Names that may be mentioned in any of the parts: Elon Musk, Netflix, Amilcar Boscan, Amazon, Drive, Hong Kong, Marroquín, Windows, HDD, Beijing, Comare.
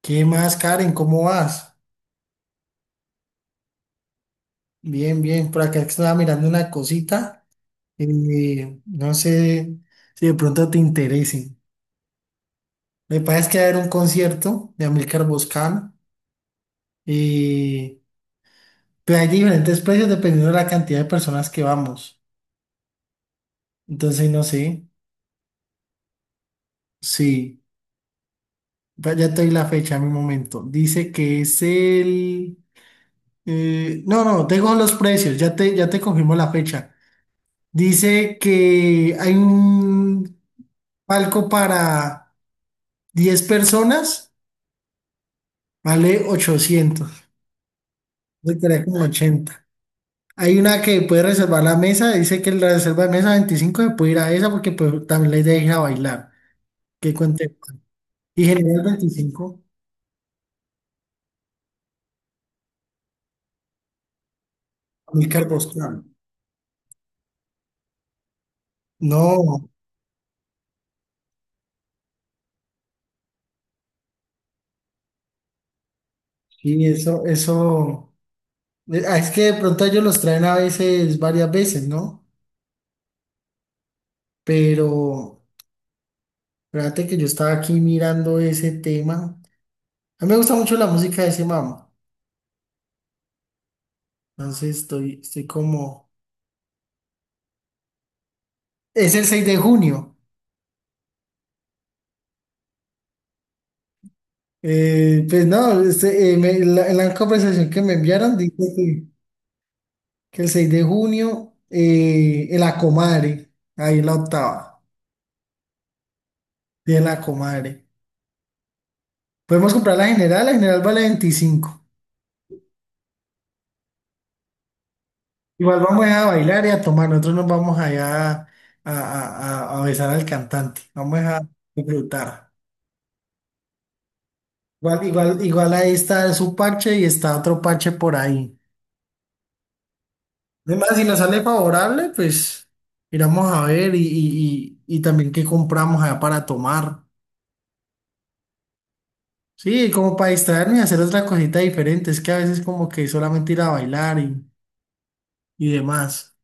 ¿Qué más, Karen? ¿Cómo vas? Bien, bien. Por acá estaba mirando una cosita. No sé si de pronto te interese. Me parece que va a haber un concierto de Amilcar Boscan. eh, pero hay diferentes precios dependiendo de la cantidad de personas que vamos. Entonces, no sé. Sí, ya te doy la fecha en mi momento. Dice que es el... No, no, tengo los precios. Ya te confirmo la fecha. Dice que hay un palco para 10 personas vale 800. Eso quedaría como 80. Hay una que puede reservar la mesa, dice que la reserva de mesa 25 se puede ir a esa porque pues, también la idea es ir a bailar. Que cuente. Y general 25. Amílcar Boscán. No, sí, eso, eso. Es que de pronto ellos los traen a veces, varias veces, ¿no? Pero, fíjate que yo estaba aquí mirando ese tema. A mí me gusta mucho la música de ese mamá. Entonces estoy como... Es el 6 de junio. Pues no, en la conversación que me enviaron dice que el 6 de junio, en la Comare, ahí en la octava, y en la Comare. Podemos comprar la general vale 25. Igual vamos a bailar y a tomar, nosotros nos vamos allá a besar al cantante, vamos a disfrutar. Igual ahí está su parche y está otro parche por ahí. Además, si nos sale favorable, pues miramos a ver y también qué compramos allá para tomar. Sí, como para distraerme y hacer otra cosita diferente. Es que a veces como que solamente ir a bailar y demás.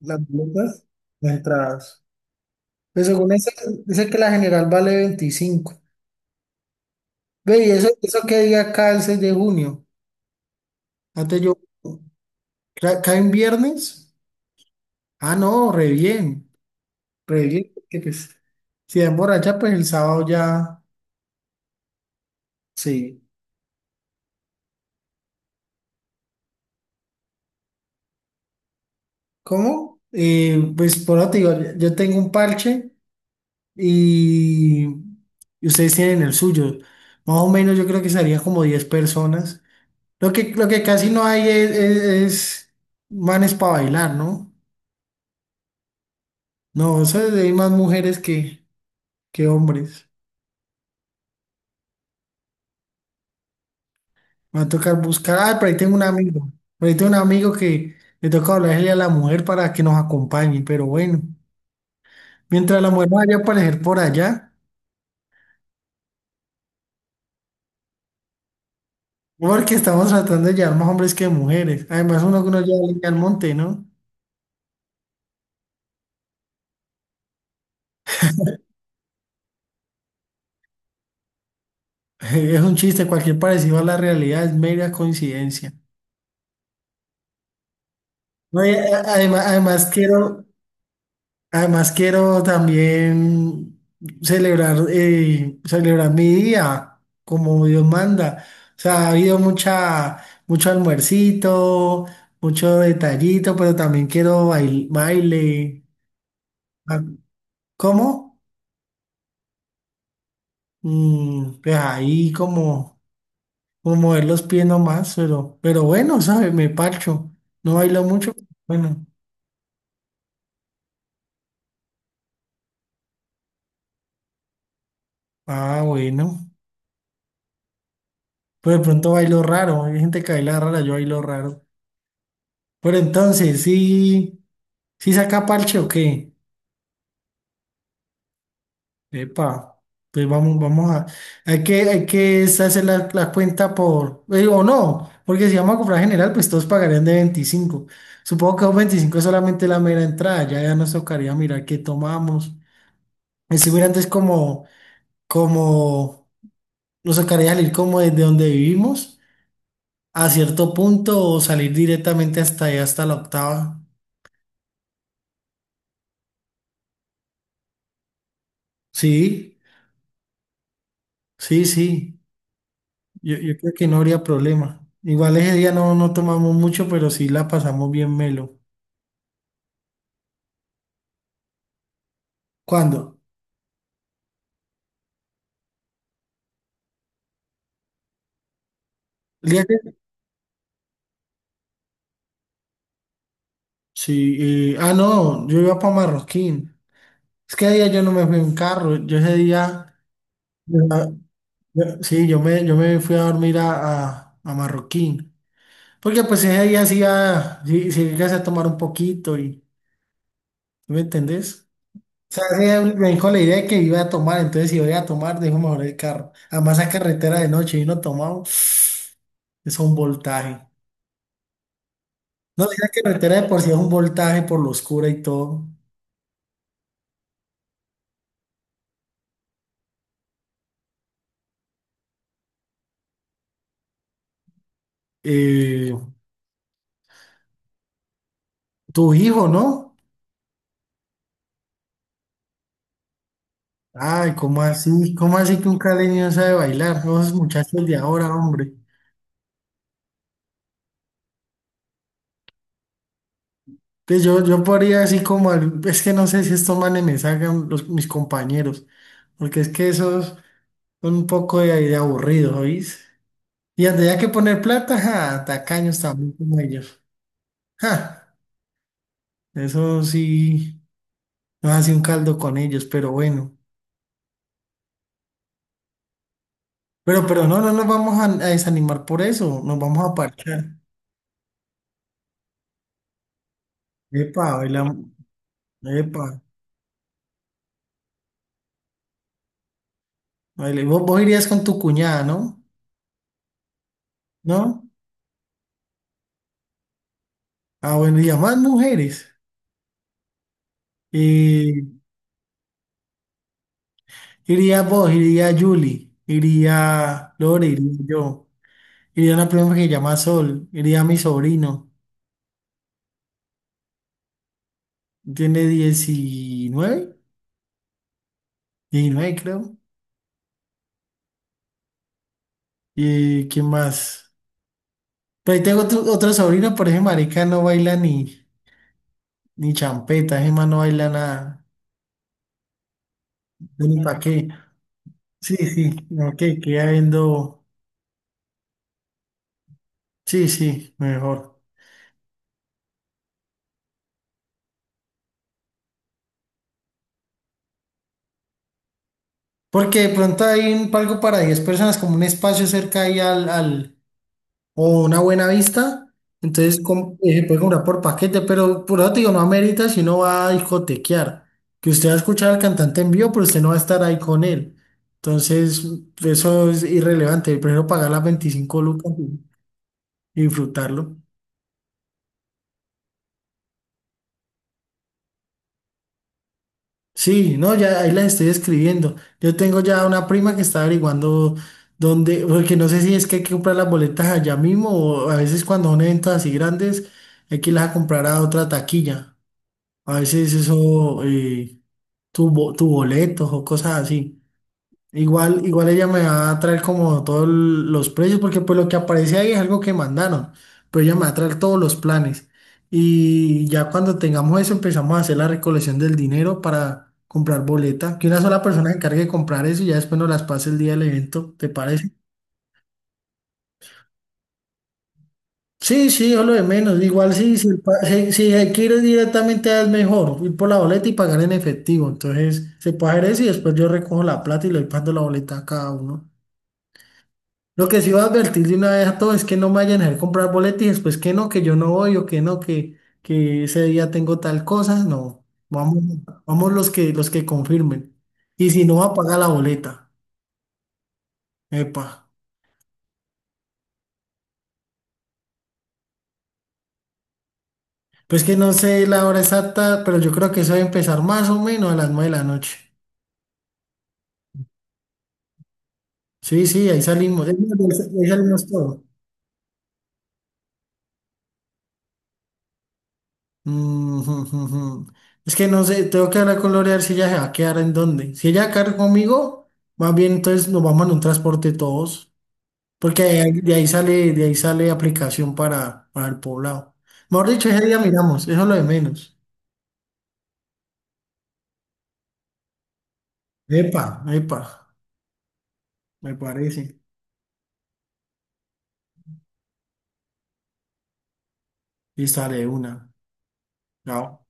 Las boletas, las entradas. Pues según ese, dice que la general vale veinticinco. Ve, ¿y eso qué día cae el 6 de junio? Antes yo, cae en viernes? Ah, no, re bien, porque pues si es borracha, pues el sábado ya, sí. ¿Cómo? Pues por ahora te digo, yo tengo un parche y, y ustedes tienen el suyo. Más o menos yo creo que serían como 10 personas. Lo que casi no hay es manes para bailar, ¿no? No, hay más mujeres que hombres. Me va a tocar buscar. Ah, por ahí tengo un amigo. Por ahí tengo un amigo que le toca hablarle a la mujer para que nos acompañe. Pero bueno, mientras la mujer vaya a aparecer por allá. Porque estamos tratando de llevar más hombres que mujeres. Además, uno que uno lleva leña al monte, ¿no? Es un chiste, cualquier parecido a la realidad es mera coincidencia. No, además quiero también celebrar, celebrar mi día como Dios manda. O sea, ha habido mucho almuercito, mucho detallito, pero también quiero baile. Ah, ¿cómo? Mm, pues ahí como, o mover los pies nomás, pero bueno, ¿sabes? Me parcho. No bailo mucho. Bueno, ah, bueno. Pero de pronto bailo raro. Hay gente que baila rara, yo bailo raro. Pero entonces, sí, ¿sí saca parche o qué? Epa, pues vamos, vamos a. Hay que hacer la cuenta por. O no, porque si vamos a comprar general, pues todos pagarían de veinticinco. Supongo que un 25 es solamente la mera entrada. Ya, ya nos tocaría mirar qué tomamos. Estuviera antes como, como, nos tocaría salir como desde donde vivimos a cierto punto o salir directamente hasta allá, hasta la octava. Sí, sí. Yo creo que no habría problema. Igual ese día no, no tomamos mucho, pero sí la pasamos bien melo. ¿Cuándo? ¿El día que- Sí, no, yo iba para Marroquín. Es que ese día yo no me fui en carro. Yo ese día, ah, sí, yo me fui a dormir a Marroquín. Porque pues ese día sí, sí, sí alcancé a tomar un poquito y. ¿Me entendés? O sea, ese me dijo la idea de que iba a tomar, entonces si voy a tomar, dejo mejor el carro. Además, esa carretera de noche y no tomamos, es un voltaje. No, esa carretera de por sí es un voltaje por lo oscura y todo. Eh, tu hijo, ¿no? Ay, ¿cómo así? ¿Cómo así que un caleño no sabe bailar? No, esos muchachos de ahora, hombre. Pues yo podría así como, es que no sé si estos manes me sacan los, mis compañeros, porque es que esos son un poco de aburridos, ¿oís? Y tendría que poner plata, ja, tacaños también como ellos. Ja, eso sí, nos hace un caldo con ellos, pero bueno. Pero no, no nos vamos a desanimar por eso, nos vamos a parchar. Epa, baila, epa, baila. Vos irías con tu cuñada, ¿no? ¿No? Ah, bueno, y a más mujeres. Eh, iría vos, iría Julie, iría Lore, iría yo, iría una prima que se llama Sol, iría mi sobrino, tiene 19, 19 creo. ¿Y quién más? Pero ahí tengo otro sobrino, por ejemplo, marica no baila ni, ni champeta. Ese Gemma no baila nada. Yo ni para qué. Sí, sí, ok, queda viendo. Sí, sí, mejor. Porque de pronto hay un, algo para 10 personas, como un espacio cerca ahí al, o una buena vista, entonces se puede comprar por paquete, pero por eso te digo, no amerita si no va a discotequear, que usted va a escuchar al cantante en vivo, pero usted no va a estar ahí con él. Entonces, eso es irrelevante, prefiero pagar las 25 lucas y disfrutarlo. Sí, no, ya ahí las estoy escribiendo. Yo tengo ya una prima que está averiguando dónde, porque no sé si es que hay que comprar las boletas allá mismo o a veces cuando son eventos así grandes hay que irlas a comprar a otra taquilla. A veces eso, tu boletos o cosas así. Igual ella me va a traer como todos los precios, porque pues lo que aparece ahí es algo que mandaron, pero ella me va a traer todos los planes. Y ya cuando tengamos eso empezamos a hacer la recolección del dinero para comprar boleta, que una sola persona se encargue de comprar eso y ya después nos las pase el día del evento, ¿te parece? Sí, sí, o lo de menos. Igual sí, si, si se directamente es mejor ir por la boleta y pagar en efectivo. Entonces se puede hacer eso y después yo recojo la plata y le voy pagando la boleta a cada uno. Lo que sí voy a advertir de una vez a todos es que no me vayan a dejar comprar boleta y después que no, que yo no voy o que no, que ese día tengo tal cosa. No, vamos, vamos los que confirmen. Y si no, va a pagar la boleta. Epa. Pues que no sé la hora exacta, pero yo creo que eso debe empezar más o menos a las 9 de la noche. Sí, sí, ahí salimos, ahí salimos todo. Mm, jum, jum, jum. Es que no sé, tengo que hablar con Lore a ver si ella se va a quedar en dónde. Si ella va a quedar conmigo, más bien entonces nos vamos en un transporte todos, porque de ahí sale aplicación para el poblado. Mejor dicho, ese día miramos, eso es lo de menos. Epa, me parece. Y sale una. Chao.